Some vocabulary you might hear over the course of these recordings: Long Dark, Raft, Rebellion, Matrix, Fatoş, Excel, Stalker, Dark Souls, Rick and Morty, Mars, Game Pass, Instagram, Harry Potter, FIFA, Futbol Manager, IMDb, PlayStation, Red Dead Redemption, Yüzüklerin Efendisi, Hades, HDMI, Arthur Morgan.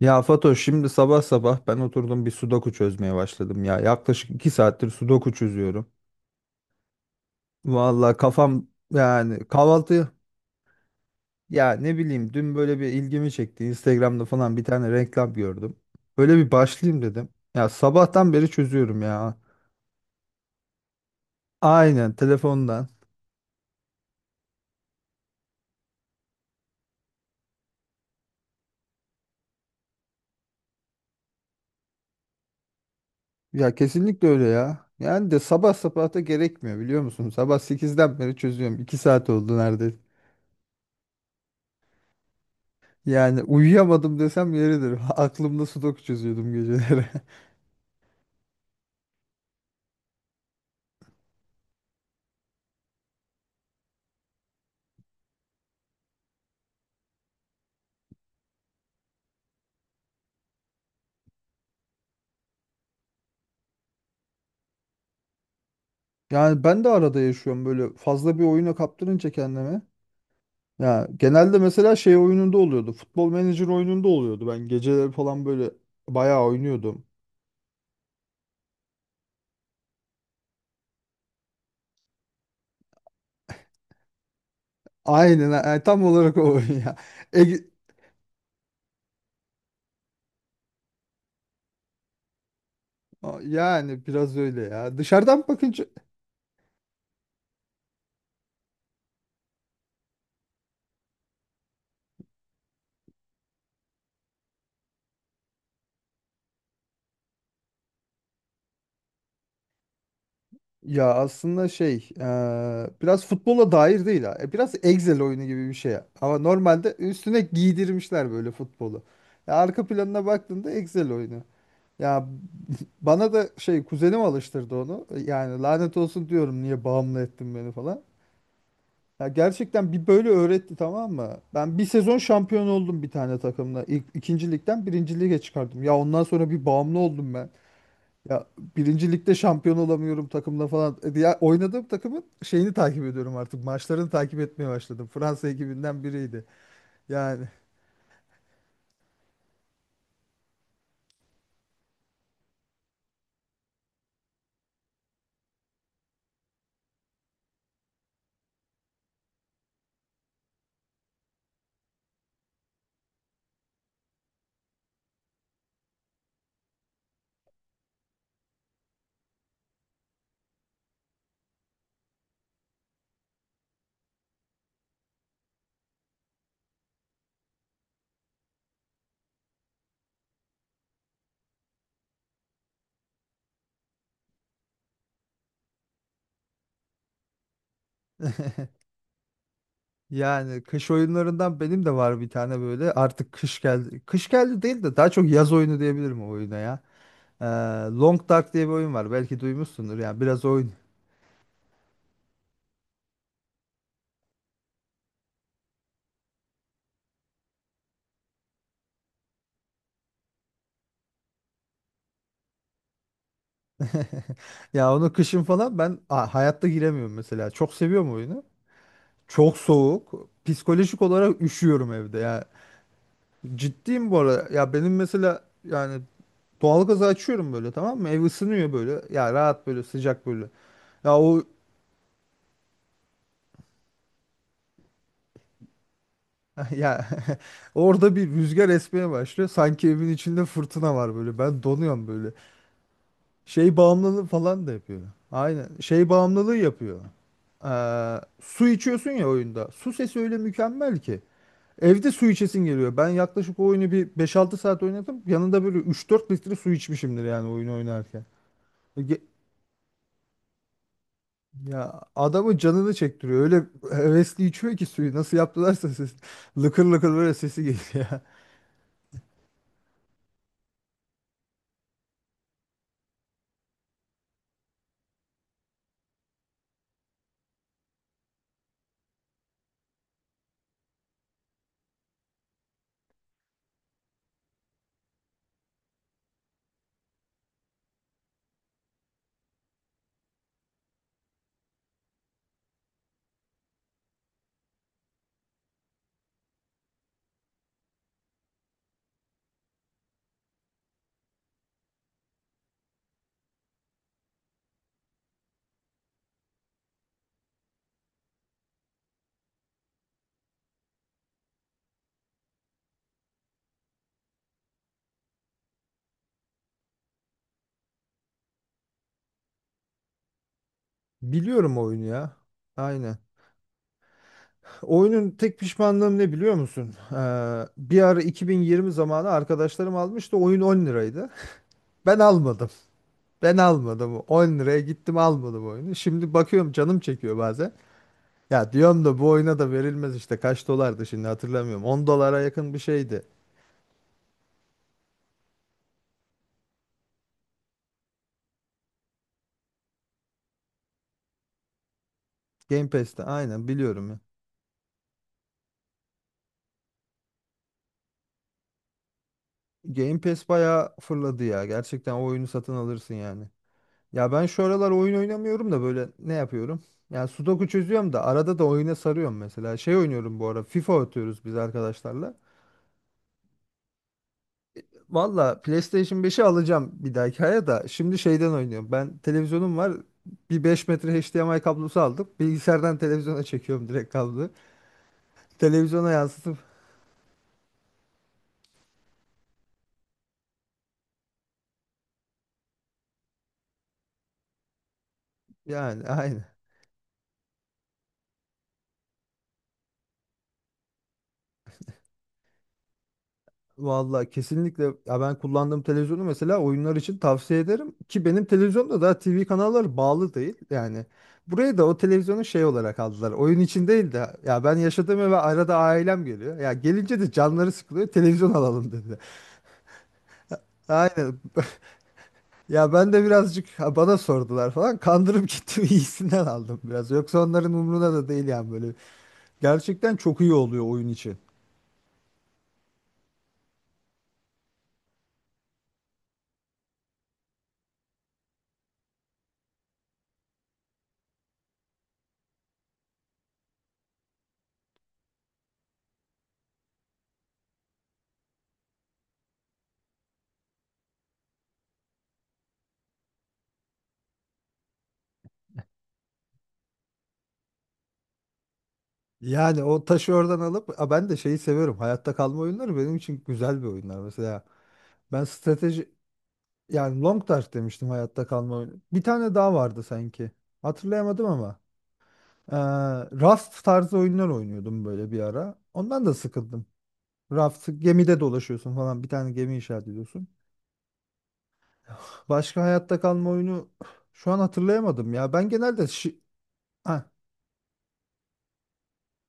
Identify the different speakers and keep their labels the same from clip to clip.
Speaker 1: Ya Fatoş, şimdi sabah sabah ben oturdum, bir sudoku çözmeye başladım ya. Yaklaşık 2 saattir sudoku çözüyorum. Vallahi kafam, kahvaltı ya, ne bileyim, dün böyle bir ilgimi çekti. Instagram'da falan bir tane reklam gördüm. Böyle bir başlayayım dedim. Ya sabahtan beri çözüyorum ya. Aynen, telefondan. Ya kesinlikle öyle ya. Yani sabah sabah da gerekmiyor, biliyor musun? Sabah sekizden beri çözüyorum. 2 saat oldu neredeyse. Yani uyuyamadım desem yeridir. Aklımda sudoku çözüyordum geceleri. Yani ben de arada yaşıyorum böyle, fazla bir oyuna kaptırınca kendimi. Ya genelde mesela şey oyununda oluyordu. Futbol Manager oyununda oluyordu. Ben geceleri falan böyle bayağı oynuyordum. Aynen ha, tam olarak o oyun ya. Ege- Yani biraz öyle ya. Dışarıdan bakınca ya, aslında şey biraz futbola dair değil ha. Biraz Excel oyunu gibi bir şey ya. Ama normalde üstüne giydirmişler böyle futbolu. Ya arka planına baktığında Excel oyunu. Ya bana da şey, kuzenim alıştırdı onu. Yani lanet olsun diyorum, niye bağımlı ettin beni falan. Ya gerçekten bir böyle öğretti, tamam mı? Ben bir sezon şampiyon oldum bir tane takımla. İlk, ikinci ligden birinci lige çıkardım. Ya ondan sonra bir bağımlı oldum ben. Ya birinci ligde şampiyon olamıyorum takımla falan. Diğer oynadığım takımın şeyini takip ediyorum artık. Maçlarını takip etmeye başladım. Fransa ekibinden biriydi. Yani yani kış oyunlarından benim de var bir tane böyle. Artık kış geldi. Kış geldi değil de, daha çok yaz oyunu diyebilirim o oyuna ya. Ee, Long Dark diye bir oyun var. Belki duymuşsundur, yani biraz oyun. Ya onu kışın falan ben hayatta giremiyorum mesela. Çok seviyorum oyunu. Çok soğuk. Psikolojik olarak üşüyorum evde ya. Ciddiyim bu arada. Ya benim mesela yani, doğalgazı açıyorum böyle, tamam mı? Ev ısınıyor böyle. Ya rahat, böyle sıcak böyle. Ya o ya orada bir rüzgar esmeye başlıyor. Sanki evin içinde fırtına var böyle. Ben donuyorum böyle. Şey bağımlılığı falan da yapıyor. Aynen. Şey bağımlılığı yapıyor. Su içiyorsun ya oyunda. Su sesi öyle mükemmel ki. Evde su içesin geliyor. Ben yaklaşık o oyunu bir 5-6 saat oynadım. Yanında böyle 3-4 litre su içmişimdir yani oyunu oynarken. Ge- Ya adamın canını çektiriyor. Öyle hevesli içiyor ki suyu. Nasıl yaptılarsa ses. Lıkır lıkır böyle sesi geliyor. ya. Biliyorum oyunu ya. Aynen. Oyunun tek pişmanlığım ne biliyor musun? Bir ara 2020 zamanı arkadaşlarım almıştı. Oyun 10 liraydı. Ben almadım. 10 liraya gittim, almadım oyunu. Şimdi bakıyorum, canım çekiyor bazen. Ya diyorum da bu oyuna da verilmez işte. Kaç dolardı şimdi hatırlamıyorum. 10 dolara yakın bir şeydi. Game Pass'te, aynen, biliyorum ya. Game Pass bayağı fırladı ya. Gerçekten o oyunu satın alırsın yani. Ya ben şu aralar oyun oynamıyorum da böyle, ne yapıyorum? Yani Sudoku çözüyorum da arada da oyuna sarıyorum mesela. Şey oynuyorum bu ara, FIFA atıyoruz biz arkadaşlarla. Valla PlayStation beşi alacağım bir dahaki aya da, şimdi şeyden oynuyorum. Ben televizyonum var, bir 5 metre HDMI kablosu aldık. Bilgisayardan televizyona çekiyorum direkt kabloyu. Televizyona yansıtıp yani, aynı. Vallahi kesinlikle ya, ben kullandığım televizyonu mesela oyunlar için tavsiye ederim ki benim televizyonda daha TV kanalları bağlı değil yani, buraya da o televizyonu şey olarak aldılar, oyun için değil de, ya ben yaşadığım eve arada ailem geliyor, ya gelince de canları sıkılıyor, televizyon alalım dedi. Aynen. Ya ben de birazcık ha, bana sordular falan, kandırıp gittim iyisinden aldım biraz, yoksa onların umruna da değil yani böyle. Gerçekten çok iyi oluyor oyun için. Yani o taşı oradan alıp, aa, ben de şeyi seviyorum. Hayatta kalma oyunları benim için güzel bir oyunlar. Mesela ben strateji, yani Long Dark demiştim, hayatta kalma oyunu. Bir tane daha vardı sanki. Hatırlayamadım ama. Ee, Raft tarzı oyunlar oynuyordum böyle bir ara. Ondan da sıkıldım. Raft, gemide dolaşıyorsun falan, bir tane gemi inşaat ediyorsun. Başka hayatta kalma oyunu şu an hatırlayamadım ya. Ben genelde şi... Ha,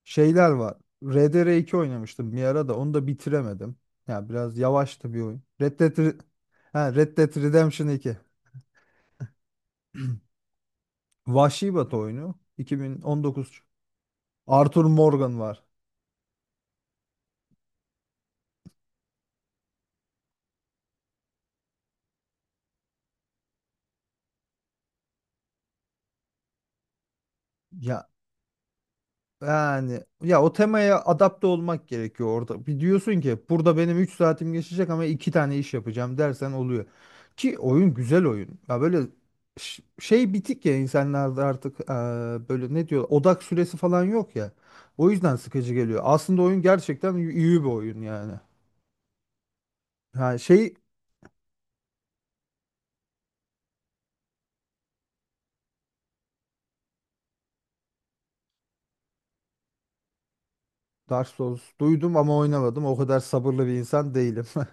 Speaker 1: şeyler var. Rdr iki oynamıştım bir ara, da onu da bitiremedim. Ya biraz yavaştı bir oyun. Ha, Red Dead Redemption iki. Vahşi Batı oyunu. 2019. Arthur Morgan var. Ya Yani ya, o temaya adapte olmak gerekiyor orada. Bir diyorsun ki burada benim 3 saatim geçecek ama 2 tane iş yapacağım dersen, oluyor. Ki oyun güzel oyun. Ya böyle şey bitik ya insanlarda artık, böyle ne diyor, odak süresi falan yok ya. O yüzden sıkıcı geliyor. Aslında oyun gerçekten iyi bir oyun yani. Yani şey, Dark Souls duydum ama oynamadım. O kadar sabırlı bir insan değilim.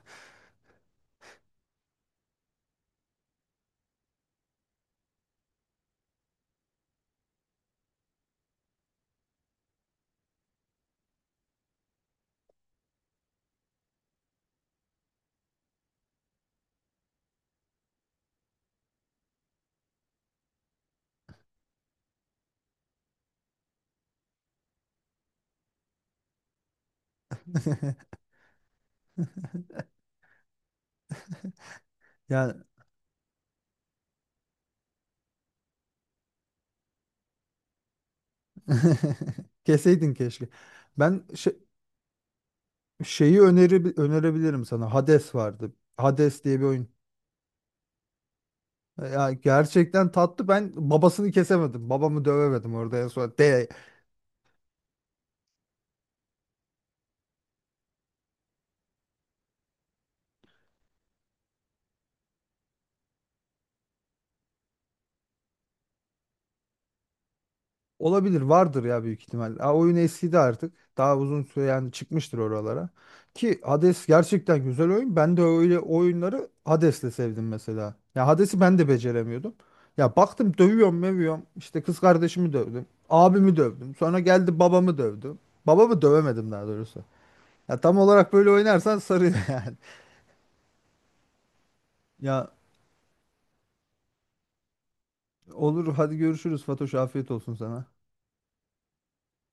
Speaker 1: Yani keseydin keşke. Ben şey- Şeyi önerebilirim sana. Hades vardı. Hades diye bir oyun. Ya gerçekten tatlı. Ben babasını kesemedim. Babamı dövemedim orada en son. De olabilir, vardır ya büyük ihtimal. Ha, oyun eskidi artık. Daha uzun süre yani, çıkmıştır oralara. Ki Hades gerçekten güzel oyun. Ben de öyle oyunları Hades'le sevdim mesela. Ya Hades'i ben de beceremiyordum. Ya baktım, dövüyorum mövüyorum. İşte kız kardeşimi dövdüm. Abimi dövdüm. Sonra geldi, babamı dövdüm. Babamı dövemedim daha doğrusu. Ya tam olarak böyle oynarsan sarıyor yani. Ya olur, hadi görüşürüz Fatoş, afiyet olsun sana.